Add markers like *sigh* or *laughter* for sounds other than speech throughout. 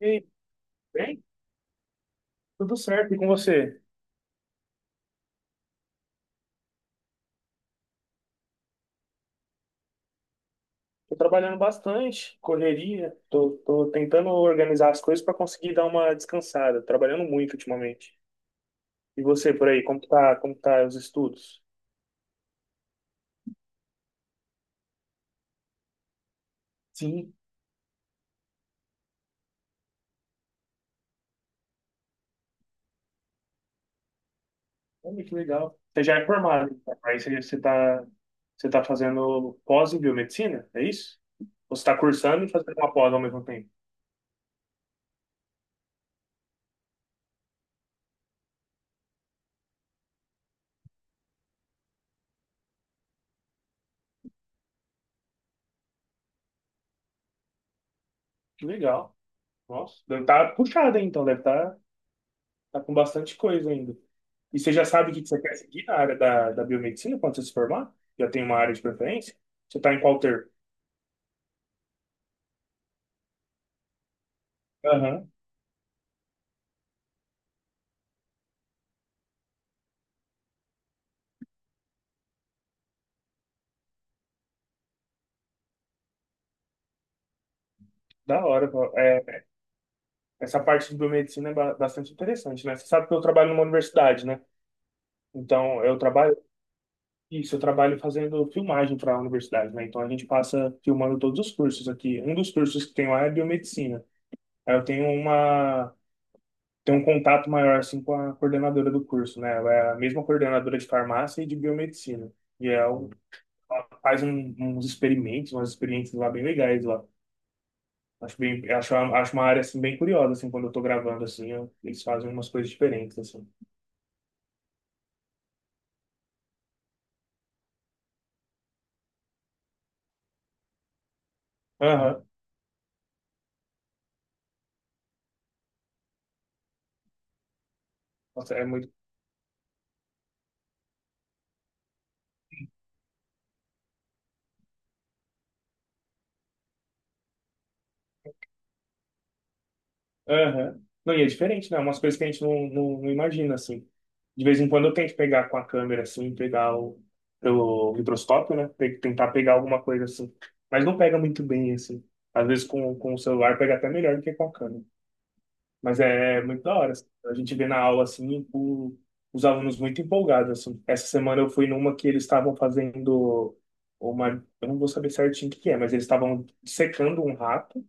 E aí, bem? Tudo certo, e com você? Tô trabalhando bastante, correria, tô tentando organizar as coisas para conseguir dar uma descansada, trabalhando muito ultimamente. E você por aí, como que tá os estudos? Sim, olha que legal. Você já é formado, então, aí você tá fazendo pós em biomedicina, é isso? Ou você tá cursando e fazendo uma pós ao mesmo tempo? Que legal. Nossa, deve estar tá puxado, hein, então, deve estar. Tá com bastante coisa ainda. E você já sabe o que que você quer seguir na área da biomedicina quando você se formar? Já tem uma área de preferência? Você está em qual termo? Aham, da hora. Pô. Essa parte de biomedicina é bastante interessante, né? Você sabe que eu trabalho numa universidade, né? Então, eu trabalho, isso, eu trabalho fazendo filmagem para a universidade, né? Então, a gente passa filmando todos os cursos aqui. Um dos cursos que tem lá é biomedicina. Aí eu tenho ter um contato maior assim com a coordenadora do curso, né? Ela é a mesma coordenadora de farmácia e de biomedicina. E ela faz uns experimentos, umas experiências lá bem legais lá. Acho uma área assim bem curiosa assim quando eu tô gravando assim, eles fazem umas coisas diferentes assim. Aham. Nossa, é muito. Aham. Não, e é diferente, né? Umas coisas que a gente não imagina, assim. De vez em quando eu tento pegar com a câmera, assim, pegar o microscópio, né? Tem que tentar pegar alguma coisa, assim. Mas não pega muito bem, assim. Às vezes com o celular pega até melhor do que com a câmera. Mas é muito da hora, assim. A gente vê na aula, assim, os alunos muito empolgados, assim. Essa semana eu fui numa que eles estavam fazendo uma. Eu não vou saber certinho o que que é, mas eles estavam secando um rato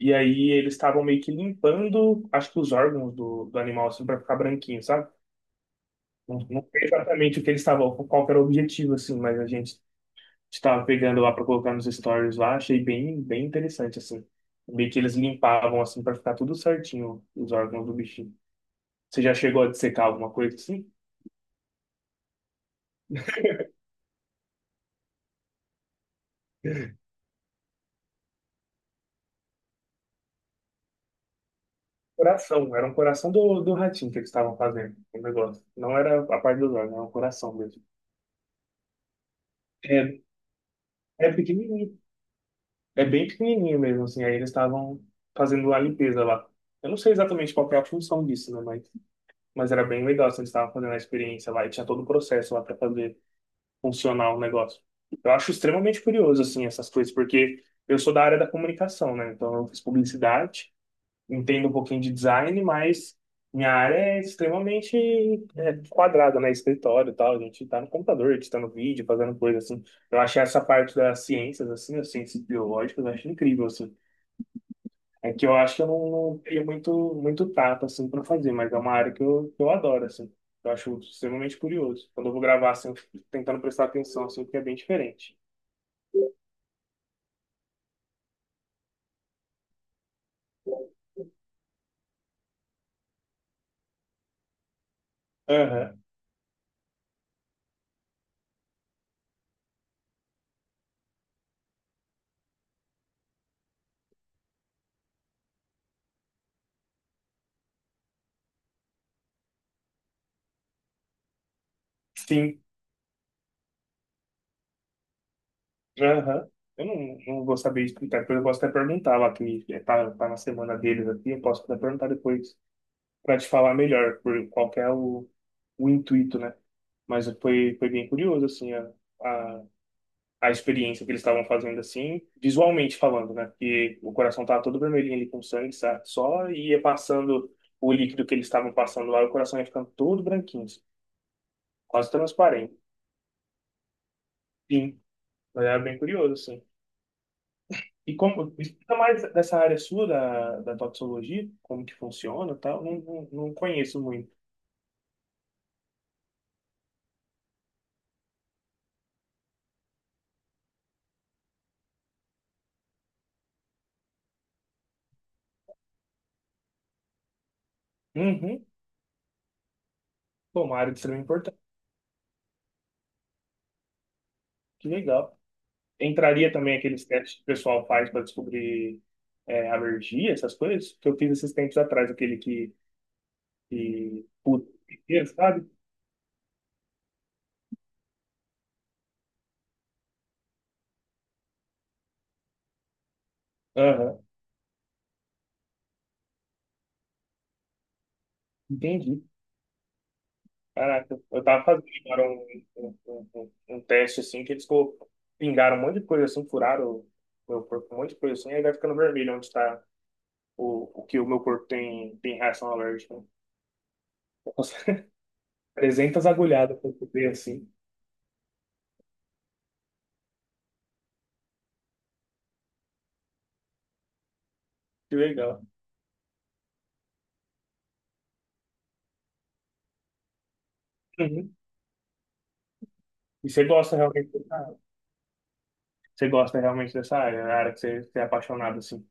e aí eles estavam meio que limpando, acho que os órgãos do animal, assim, para ficar branquinho, sabe? Não, não sei exatamente o que eles estavam, qual que era o objetivo, assim, mas a gente estava pegando lá para colocar nos stories lá, achei bem interessante, assim. Meio que eles limpavam, assim, para ficar tudo certinho, os órgãos do bichinho. Você já chegou a dissecar alguma coisa assim? Coração, era um coração do ratinho que eles estavam fazendo, o negócio. Não era a parte dos órgãos, era um coração mesmo. É, é pequenininho. É bem pequenininho mesmo, assim. Aí eles estavam fazendo a limpeza lá. Eu não sei exatamente qual que é a função disso, né? Mas era bem legal, assim, eles estavam fazendo a experiência lá e tinha todo o processo lá para fazer funcionar o negócio. Eu acho extremamente curioso, assim, essas coisas, porque eu sou da área da comunicação, né? Então eu fiz publicidade, entendo um pouquinho de design, mas minha área é extremamente quadrada, né? Escritório e tal. A gente tá no computador, editando vídeo, fazendo coisa assim. Eu achei essa parte das ciências, assim, as ciências biológicas, eu acho incrível, assim. É que eu acho que eu não tenho muito, muito tato, assim, para fazer, mas é uma área que eu adoro, assim. Eu acho extremamente curioso. Quando eu vou gravar, assim, eu fico tentando prestar atenção, assim, porque é bem diferente. Aham. Sim. Aham. Eu não vou saber explicar, depois eu posso até perguntar lá, que tá na semana deles aqui, eu posso até perguntar depois para te falar melhor por qual que é o intuito, né? Mas foi bem curioso, assim, a, a experiência que eles estavam fazendo assim, visualmente falando, né? Porque o coração tava todo vermelhinho ali com sangue, sabe? Só ia passando o líquido que eles estavam passando lá, o coração ia ficando todo branquinho, assim, quase transparente. Sim, mas era bem curioso, assim. E como, me explica mais dessa área sua da toxicologia, como que funciona e tal, não conheço muito. Uhum. Pô, uma área de extrema importância, que legal. Entraria também aqueles testes que o pessoal faz para descobrir alergia, essas coisas, que eu fiz esses tempos atrás, aquele que e puto pequeno, sabe? Aham, entendi. Caraca, eu tava fazendo agora um, um, um- um teste assim, que eles pingaram um monte de coisa assim, furaram o meu corpo, um monte de coisa assim, aí vai ficando vermelho onde está o que o meu corpo tem, reação alérgica. *laughs* Nossa, 300 agulhadas pra eu ver assim. Que legal. Uhum. E você gosta realmente dessa área? Você gosta realmente dessa área, a área que você é apaixonado assim.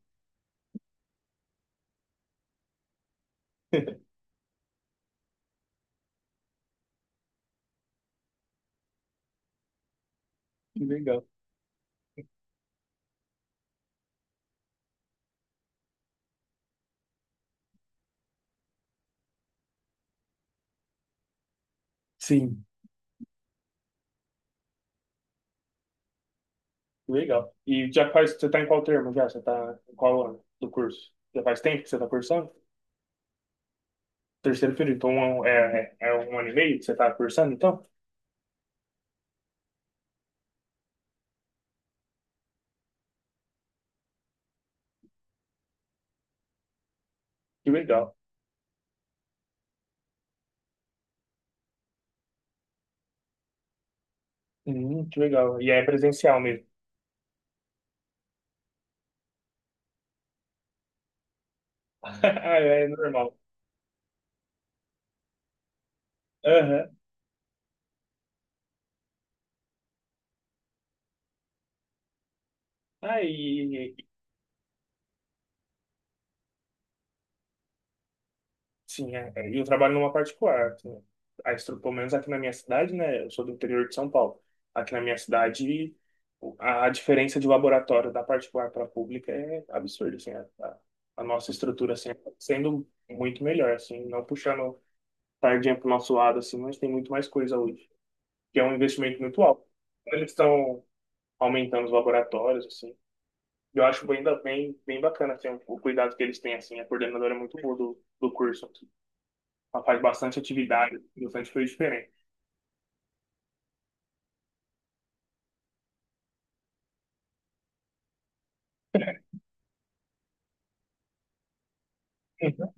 Que legal. Sim. Legal. E já faz, você tá em qual termo já? Você tá em qual ano do curso? Já faz tempo que você tá cursando? Terceiro período, então é um ano e meio que você tá cursando, então? Que legal. Que legal. E é presencial mesmo. *laughs* Ah, é normal. Aham. Aí, sim, é. É. E eu trabalho numa particular, assim. A estrutura, pelo menos aqui na minha cidade, né? Eu sou do interior de São Paulo. Aqui na minha cidade, a diferença de laboratório da particular para a pública é absurda, assim. A nossa estrutura, assim, é sendo muito melhor, assim. Não puxando sardinha para o nosso lado, assim, mas tem muito mais coisa hoje. Que é um investimento muito alto. Então, eles estão aumentando os laboratórios, assim. Eu acho ainda bem bacana, assim, o cuidado que eles têm, assim. A coordenadora é muito boa do curso. Ela faz bastante atividade, bastante coisa diferente. Uhum.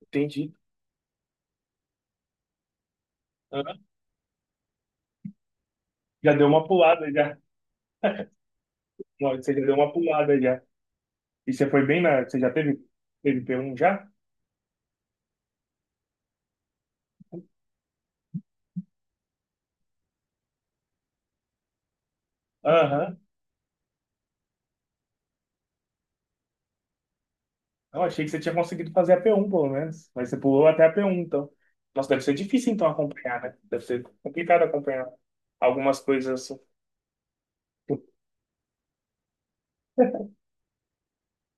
Entendi. Hã? Já deu uma pulada já. Não, você já deu uma pulada já. E você foi bem na. Você já teve p um já? Aham. Eu achei que você tinha conseguido fazer a p um pelo menos. Mas você pulou até a p um então. Nossa, deve ser difícil então acompanhar, né? Deve ser complicado acompanhar algumas coisas assim.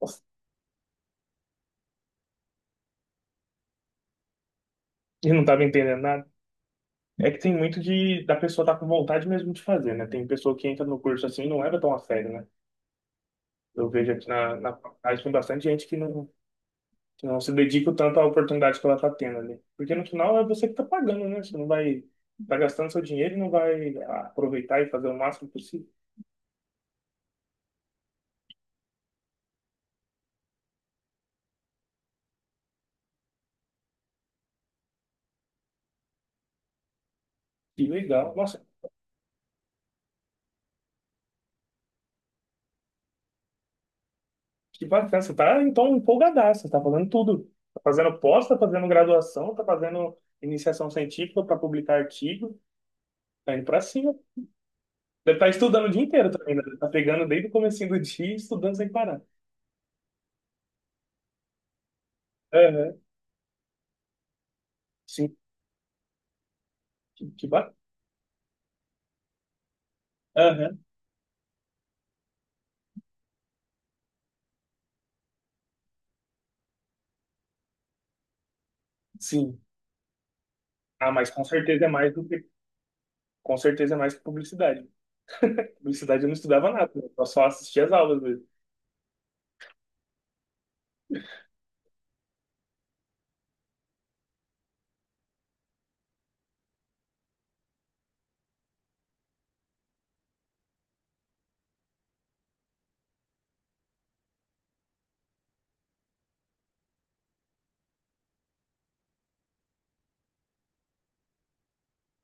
Nossa, eu não tava entendendo nada. É que tem muito de da pessoa estar tá com vontade mesmo de fazer, né? Tem pessoa que entra no curso assim e não leva tão a sério, né? Eu vejo aqui na faculdade tem bastante gente que não. Então, você não se dedica o tanto à oportunidade que ela está tendo ali. Porque no final é você que está pagando, né? Você não vai tá gastando seu dinheiro e não vai aproveitar e fazer o máximo possível. Que legal. Nossa, que bacana. Você tá então empolgadaço, você tá fazendo tudo. Tá fazendo pós, tá fazendo graduação, tá fazendo iniciação científica para publicar artigo, tá indo para cima. Deve estar estudando o dia inteiro também, né? Tá pegando desde o comecinho do dia e estudando sem parar. Aham, sim, que bacana. Aham, sim. Ah, mas com certeza é mais do que, com certeza é mais que publicidade. Publicidade eu não estudava nada, né? Eu só assistia as aulas mesmo.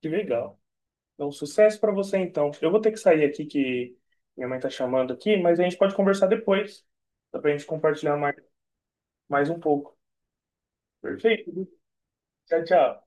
Que legal. Então, sucesso para você então. Eu vou ter que sair aqui que minha mãe tá chamando aqui, mas a gente pode conversar depois. Dá pra gente compartilhar mais, mais um pouco. Perfeito. Tchau, tchau.